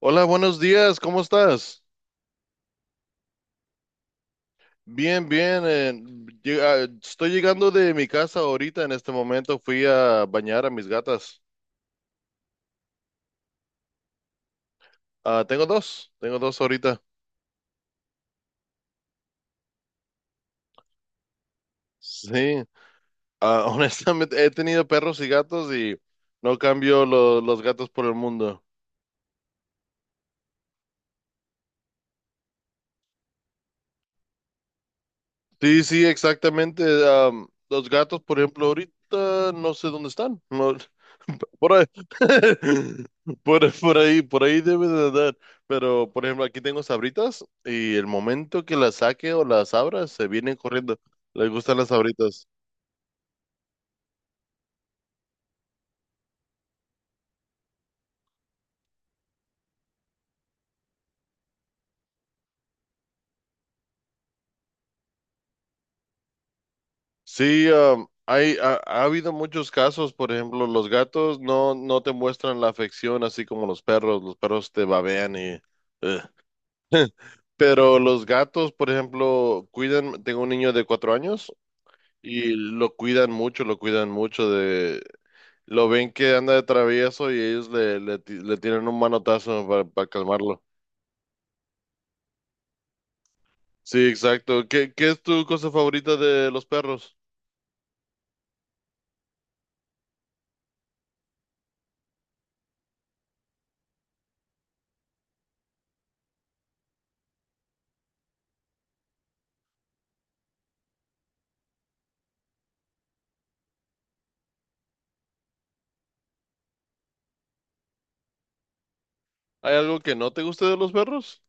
Hola, buenos días, ¿cómo estás? Bien, bien, estoy llegando de mi casa ahorita. En este momento fui a bañar a mis gatas. Ah, tengo dos ahorita. Sí. Ah, Honestamente he tenido perros y gatos y no cambio los gatos por el mundo. Sí, sí, exactamente. Los gatos, por ejemplo, ahorita no sé dónde están. No, por ahí, por ahí debe de andar. Pero, por ejemplo, aquí tengo sabritas y el momento que las saque o las abra, se vienen corriendo. Les gustan las sabritas. Sí, ha habido muchos casos. Por ejemplo, los gatos no, no te muestran la afección así como los perros. Los perros te babean y... eh, pero los gatos, por ejemplo, cuidan, tengo un niño de 4 años y lo cuidan mucho de, lo ven que anda de travieso y ellos le tiran un manotazo para calmarlo. Sí, exacto. Qué es tu cosa favorita de los perros? ¿Hay algo que no te guste de los perros?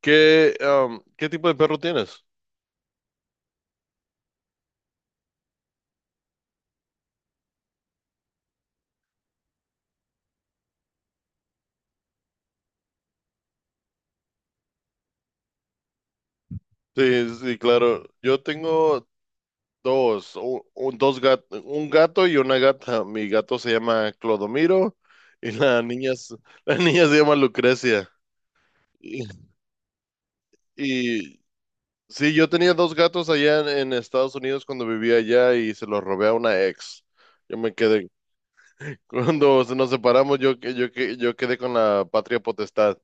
¿Qué, qué tipo de perro tienes? Sí, sí, claro. Yo tengo dos un gato y una gata. Mi gato se llama Clodomiro y la niña, la niña se llama Lucrecia. Y, y sí, yo tenía dos gatos allá en Estados Unidos cuando vivía allá y se los robé a una ex. Yo me quedé, cuando nos separamos, yo quedé con la patria potestad.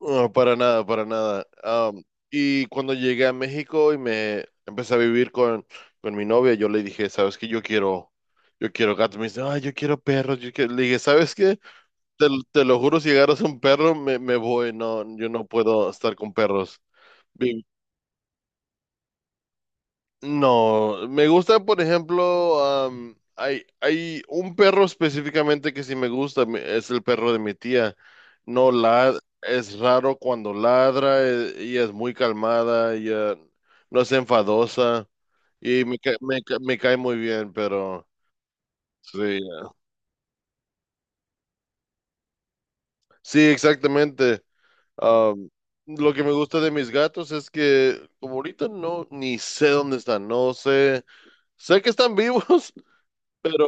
No, para nada, para nada. Y cuando llegué a México y me empecé a vivir con mi novia, yo le dije, ¿sabes qué? Yo quiero gatos. Me dice, ay, yo quiero perros. Yo quiero". Le dije, ¿sabes qué? Te, te lo juro, si agarras un perro, me voy. No, yo no puedo estar con perros. No, me gusta, por ejemplo, hay un perro específicamente que sí me gusta, es el perro de mi tía. No la, es raro cuando ladra, ella es muy calmada, ella no es enfadosa y me cae muy bien, pero sí, sí, exactamente. Am, lo que me gusta de mis gatos es que como ahorita no, ni sé dónde están, no sé, sé que están vivos, pero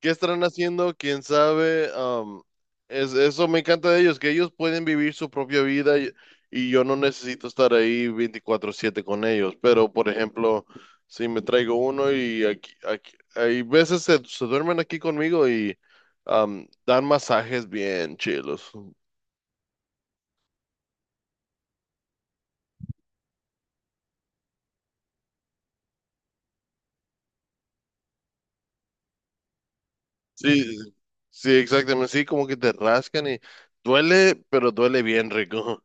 ¿qué estarán haciendo? ¿Quién sabe? Eso me encanta de ellos, que ellos pueden vivir su propia vida y yo no necesito estar ahí 24/7 con ellos. Pero, por ejemplo, si me traigo uno y hay veces se duermen aquí conmigo y dan masajes bien chilos. Sí, sí, sí, exactamente. Sí, como que te rascan y duele, pero duele bien rico.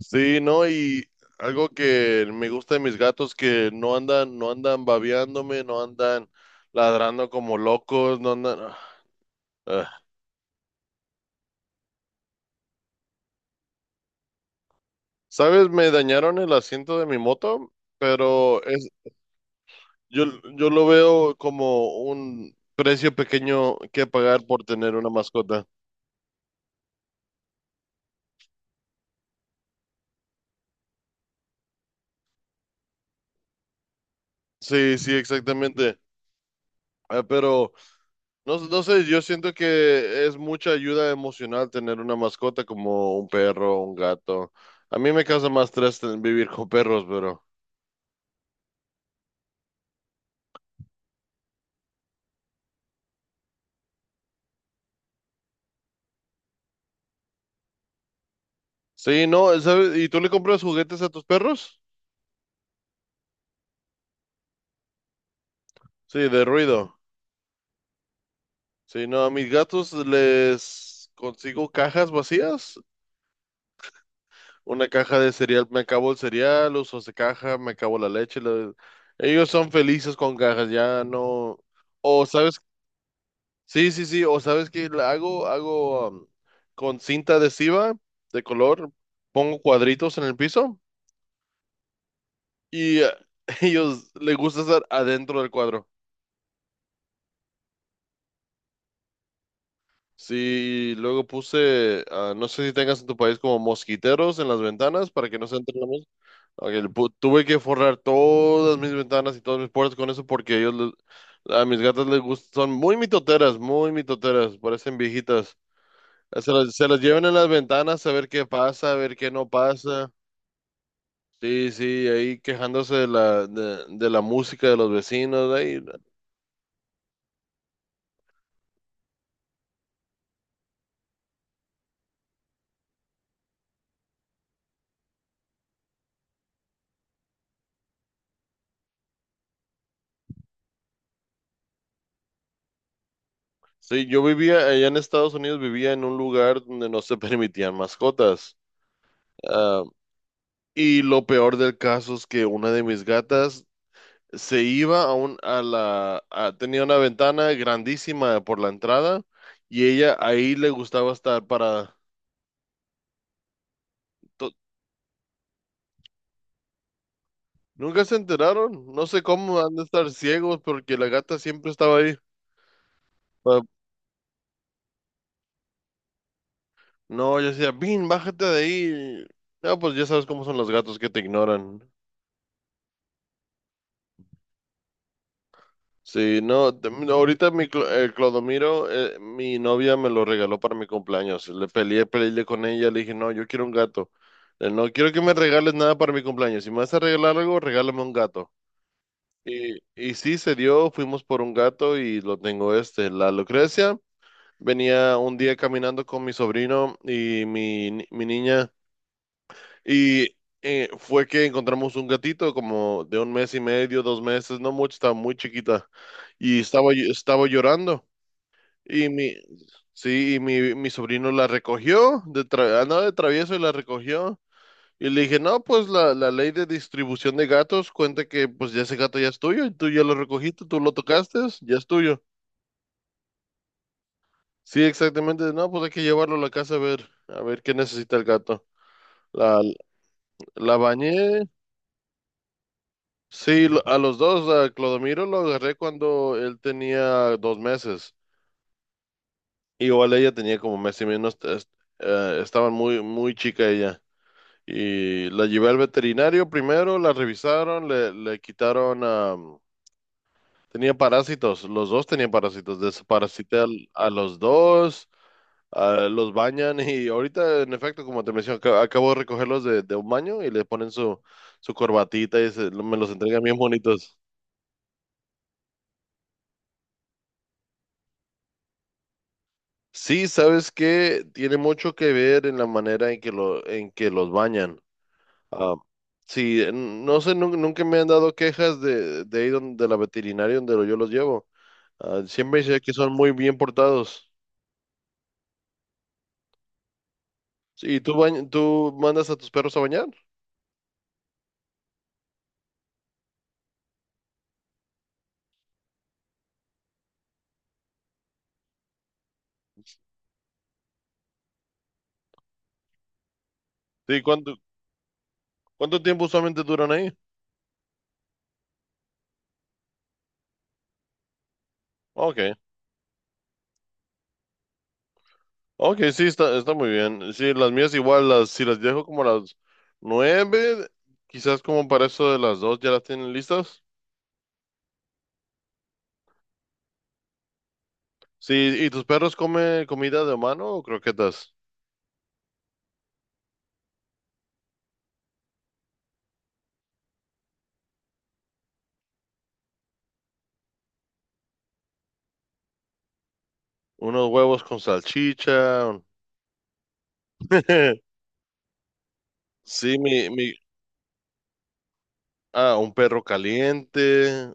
Sí, ¿no? Y algo que me gusta de mis gatos que no andan, no andan babeándome, no andan ladrando como locos, no andan. Ah, ah. ¿Sabes? Me dañaron el asiento de mi moto, pero es, yo, yo lo veo como un precio pequeño que pagar por tener una mascota. Sí, sí, exactamente. Ah, pero no, no sé, yo siento que es mucha ayuda emocional tener una mascota como un perro, un gato. A mí me causa más estrés vivir con perros, pero... Sí, no, ¿sabes? ¿Y tú le compras juguetes a tus perros? Sí, de ruido. Sí, no, a mis gatos les consigo cajas vacías. Una caja de cereal, me acabo el cereal, uso esa caja, me acabo la leche. Ellos son felices con cajas, ya no... O, ¿sabes sí, sí, sí, o sabes qué la hago, hago con cinta adhesiva de color, pongo cuadritos en el piso y ellos les gusta estar adentro del cuadro. Sí, luego puse, ah, no sé si tengas en tu país como mosquiteros en las ventanas para que no se entre la mosca. Ok, tuve que forrar todas mis ventanas y todas mis puertas con eso porque ellos, a mis gatas les gustan, son muy mitoteras, parecen viejitas. Se los llevan en las ventanas a ver qué pasa, a ver qué no pasa. Sí, sí, ahí quejándose de de la música de los vecinos. Ahí. Sí, yo vivía allá en Estados Unidos, vivía en un lugar donde no se permitían mascotas. Ah, y lo peor del caso es que una de mis gatas se iba a tenía una ventana grandísima por la entrada y ella ahí le gustaba estar para, to- nunca se enteraron. No sé cómo han de estar ciegos porque la gata siempre estaba ahí. Pa- no, yo decía, Bin, bájate de ahí. No, pues ya sabes cómo son los gatos que te ignoran. Sí, no, no, ahorita mi Clodomiro, mi novia me lo regaló para mi cumpleaños. Le peleé, peleé con ella, le dije, no, yo quiero un gato. No quiero que me regales nada para mi cumpleaños. Si me vas a regalar algo, regálame un gato. Y sí, se dio, fuimos por un gato y lo tengo este, la Lucrecia. Venía un día caminando con mi sobrino y mi, ni- mi niña y fue que encontramos un gatito como de un mes y medio, 2 meses, no mucho, estaba muy chiquita y estaba, estaba llorando y mi, sí, y mi sobrino la recogió, de andaba de travieso y la recogió y le dije, no, pues la ley de distribución de gatos cuenta que pues ya ese gato ya es tuyo, y tú ya lo recogiste, tú lo tocaste, ya es tuyo. Sí, exactamente. No, pues hay que llevarlo a la casa a ver qué necesita el gato. La, la bañé. Sí, a los dos, a Clodomiro lo agarré cuando él tenía 2 meses. Igual ella tenía como mes y menos. Estaba muy, muy chica ella. Y la llevé al veterinario primero, la revisaron, le quitaron, am, tenía parásitos. Los dos tenían parásitos. Desparasité a los dos. Ah, los bañan y ahorita, en efecto, como te menciono, acabo de recogerlos de un baño y le ponen su corbatita y me los entregan bien bonitos. Sí, sabes que tiene mucho que ver en la manera en que los bañan. Ah, sí, no sé, nunca me han dado quejas de ahí donde, de la veterinaria donde yo los llevo. Ah, siempre sé que son muy bien portados. Sí, ¿tú, tú mandas a tus perros a bañar? Sí, ¿cuánto, cuánto tiempo usualmente duran ahí? Ok. Ok, sí, está, está muy bien. Sí, las mías igual, las, si las dejo como a las 9, quizás como para eso de las 2 ya las tienen listas. Sí, ¿y tus perros comen comida de humano o croquetas? Unos huevos con salchicha. Un- Sí, mi, ah, un perro caliente.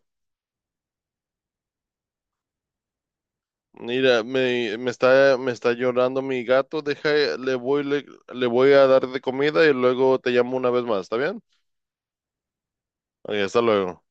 Mira, me está llorando mi gato. Deja, le voy, le, le voy a dar de comida y luego te llamo una vez más, ¿está bien? Ok, hasta luego.